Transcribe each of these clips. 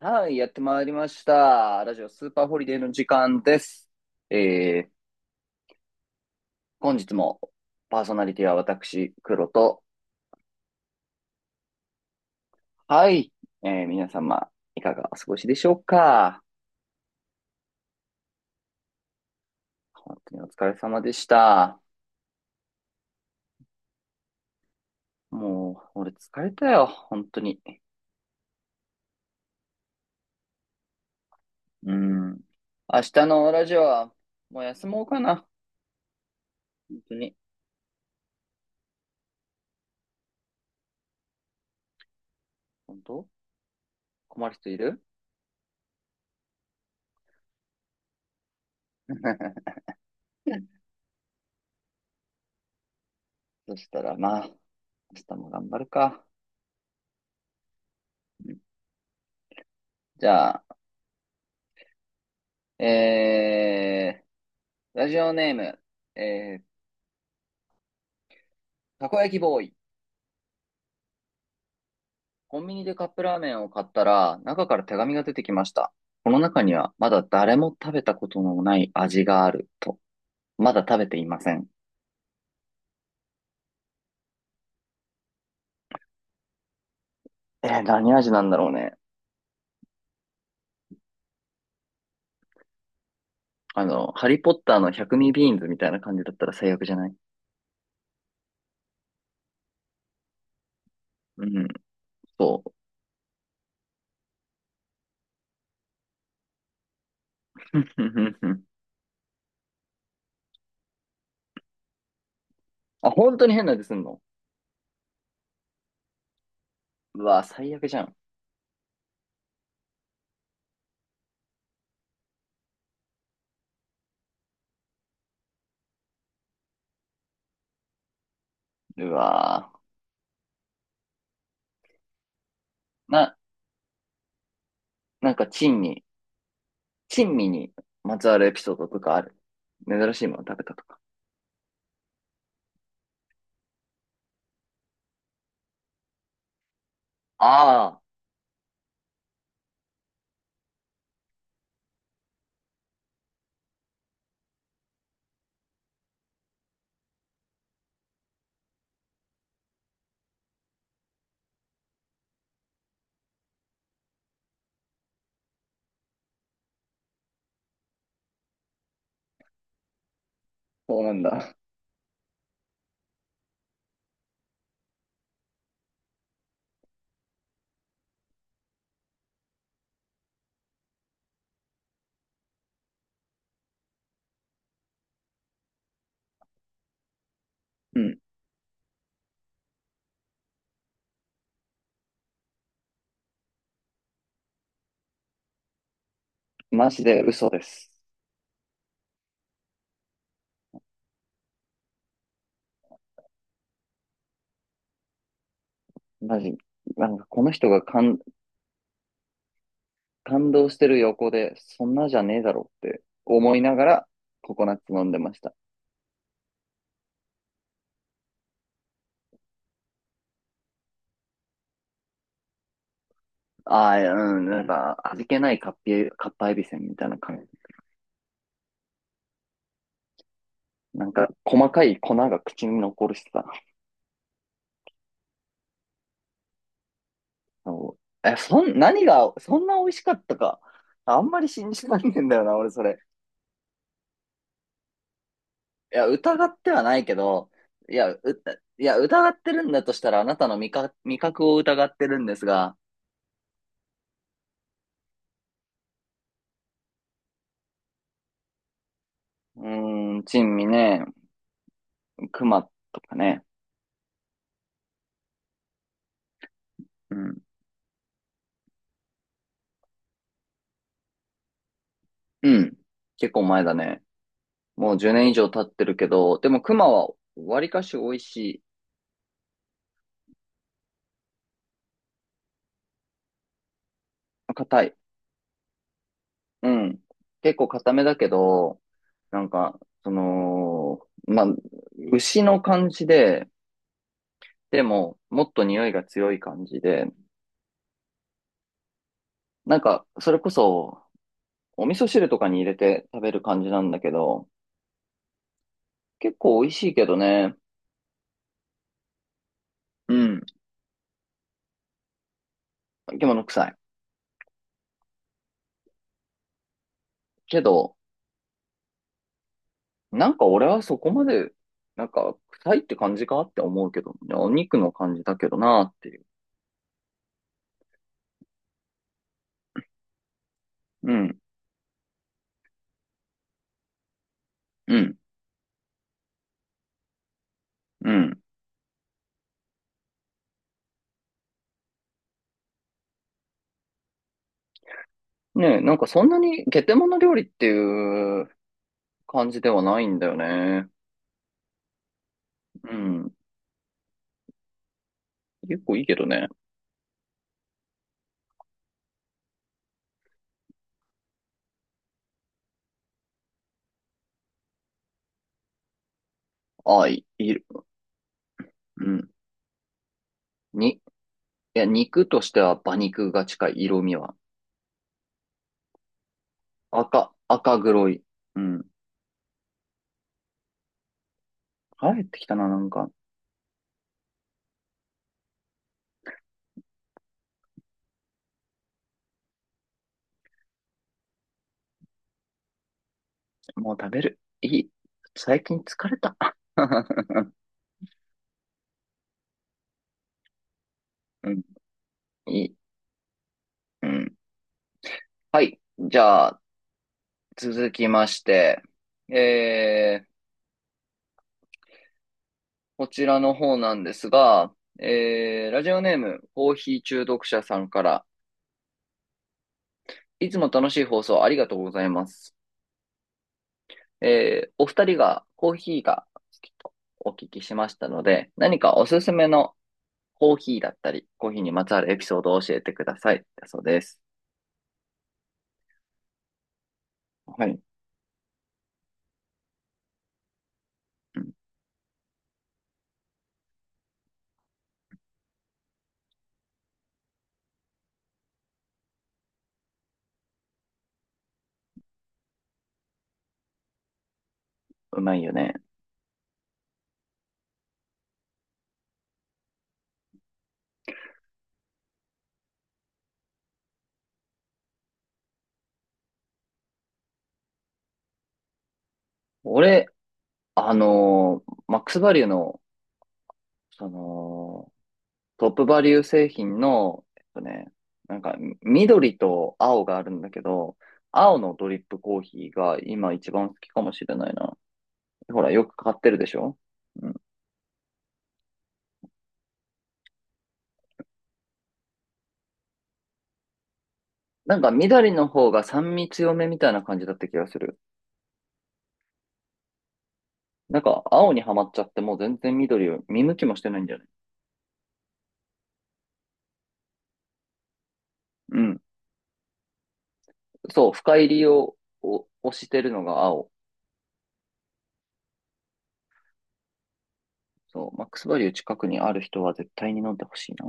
はい、やってまいりました。ラジオスーパーホリデーの時間です。えー、本日もパーソナリティは私、黒と、はい、皆様、いかがお過ごしでしょうか？本当にお疲れ様でした。もう、俺疲れたよ、本当に。うん。明日のラジオは、もう休もうかな。本当に。本当、困る人いる？ そしたら、まあ、明日も頑張るか。うん。じゃあ、えー、ラジオネーム、えー、たこ焼きボーイ。コンビニでカップラーメンを買ったら、中から手紙が出てきました。この中には、まだ誰も食べたことのない味があると。まだ食べていません。何味なんだろうね。あの、ハリーポッターの百味ビーンズみたいな感じだったら最悪じゃない？うん、そう。あ、本当に変な味すんの？うわ、最悪じゃん。うわ、な、なんか珍味、珍味にまつわるエピソードとかある？珍しいもの食べたとか。ああ。そうなんだ。うん。マジで嘘です。マジ。なんかこの人が感、感動してる横で、そんなじゃねえだろって思いながら、ココナッツ飲んでました。ああ、うん、なんか、味気ないカッパエビせんみたいな感じ。なんか、細かい粉が口に残るしさ。そうえ、そん、何が、そんな美味しかったか。あんまり信じらんねえんだよな、俺それ。いや、疑ってはないけど、いや、疑ってるんだとしたら、あなたの味覚を疑ってるんですが、珍味ね、熊とかね、うん、うん、結構前だね。もう10年以上経ってるけど、でも熊は割かし美味しい、硬い、うん、結構硬めだけど、なんか、その、まあ、牛の感じで、でも、もっと匂いが強い感じで、なんか、それこそ、お味噌汁とかに入れて食べる感じなんだけど、結構美味しいけどね、うん、生物臭い。けど、なんか俺はそこまで、なんか臭いって感じかって思うけど、いやお肉の感じだけどなっていう。うん、うん、うん。ねえ、なんかそんなにゲテモノ料理っていう感じではないんだよね。うん。結構いいけどね。いる。うん。に、いや、肉としては馬肉が近い色味は。赤、赤黒い。うん。腹減ってきたな、なんか。もう食べる。いい。最近疲れた。うん、いい。うん。はい。じゃあ、続きまして、えー、こちらの方なんですが、ラジオネーム、コーヒー中毒者さんから、いつも楽しい放送ありがとうございます。お二人がコーヒーが好きとお聞きしましたので、何かおすすめのコーヒーだったり、コーヒーにまつわるエピソードを教えてください。だそうです。はい。うん。うまいよね。俺、あのーマックスバリューの、その、トップバリュー製品の、えっとね、なんか、緑と青があるんだけど、青のドリップコーヒーが今一番好きかもしれないな。ほら、よく買ってるでしょ？うん。なんか、緑の方が酸味強めみたいな感じだった気がする。なんか、青にはまっちゃってもう全然緑を見向きもしてないんじゃない？うん。そう、深入りを、をしてるのが青。そう、マックスバリュー近くにある人は絶対に飲んでほしいな。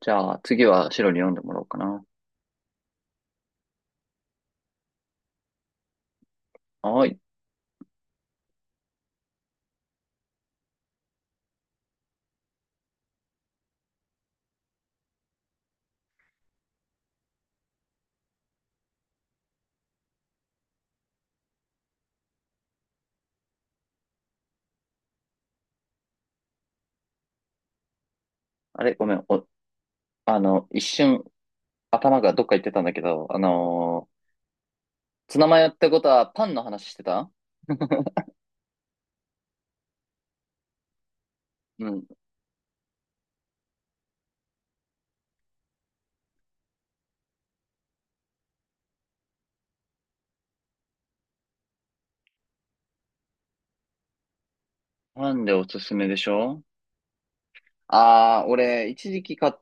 じゃあ、次は白に飲んでもらおうかな。はーい。あれ、ごめん。お、あの、一瞬頭がどっか行ってたんだけど、あのーツナマヨってことはパンの話してた？うん。パンでおすすめでしょ？ああー、俺、一時期か、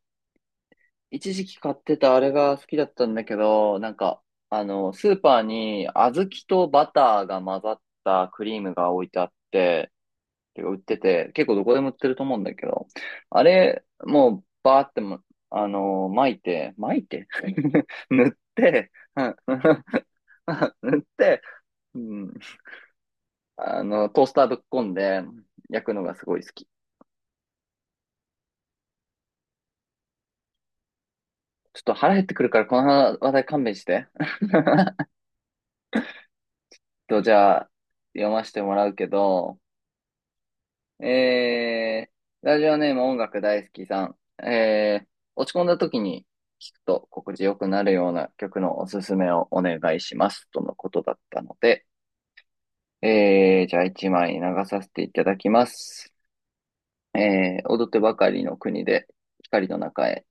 一時期買ってたあれが好きだったんだけど、なんか、あの、スーパーに小豆とバターが混ざったクリームが置いてあって、てか売ってて、結構どこでも売ってると思うんだけど、あれ、もうバーっても、あのー巻いて 塗って、 塗って、うん、あの、トースターぶっこんで焼くのがすごい好き。ちょっと腹減ってくるから、この話題勘弁して。えっと、じゃあ、読ませてもらうけど、えー、ラジオネーム音楽大好きさん。えー、落ち込んだ時に聞くと心地よくなるような曲のおすすめをお願いします。とのことだったので、じゃあ一枚流させていただきます。踊ってばかりの国で光の中へ。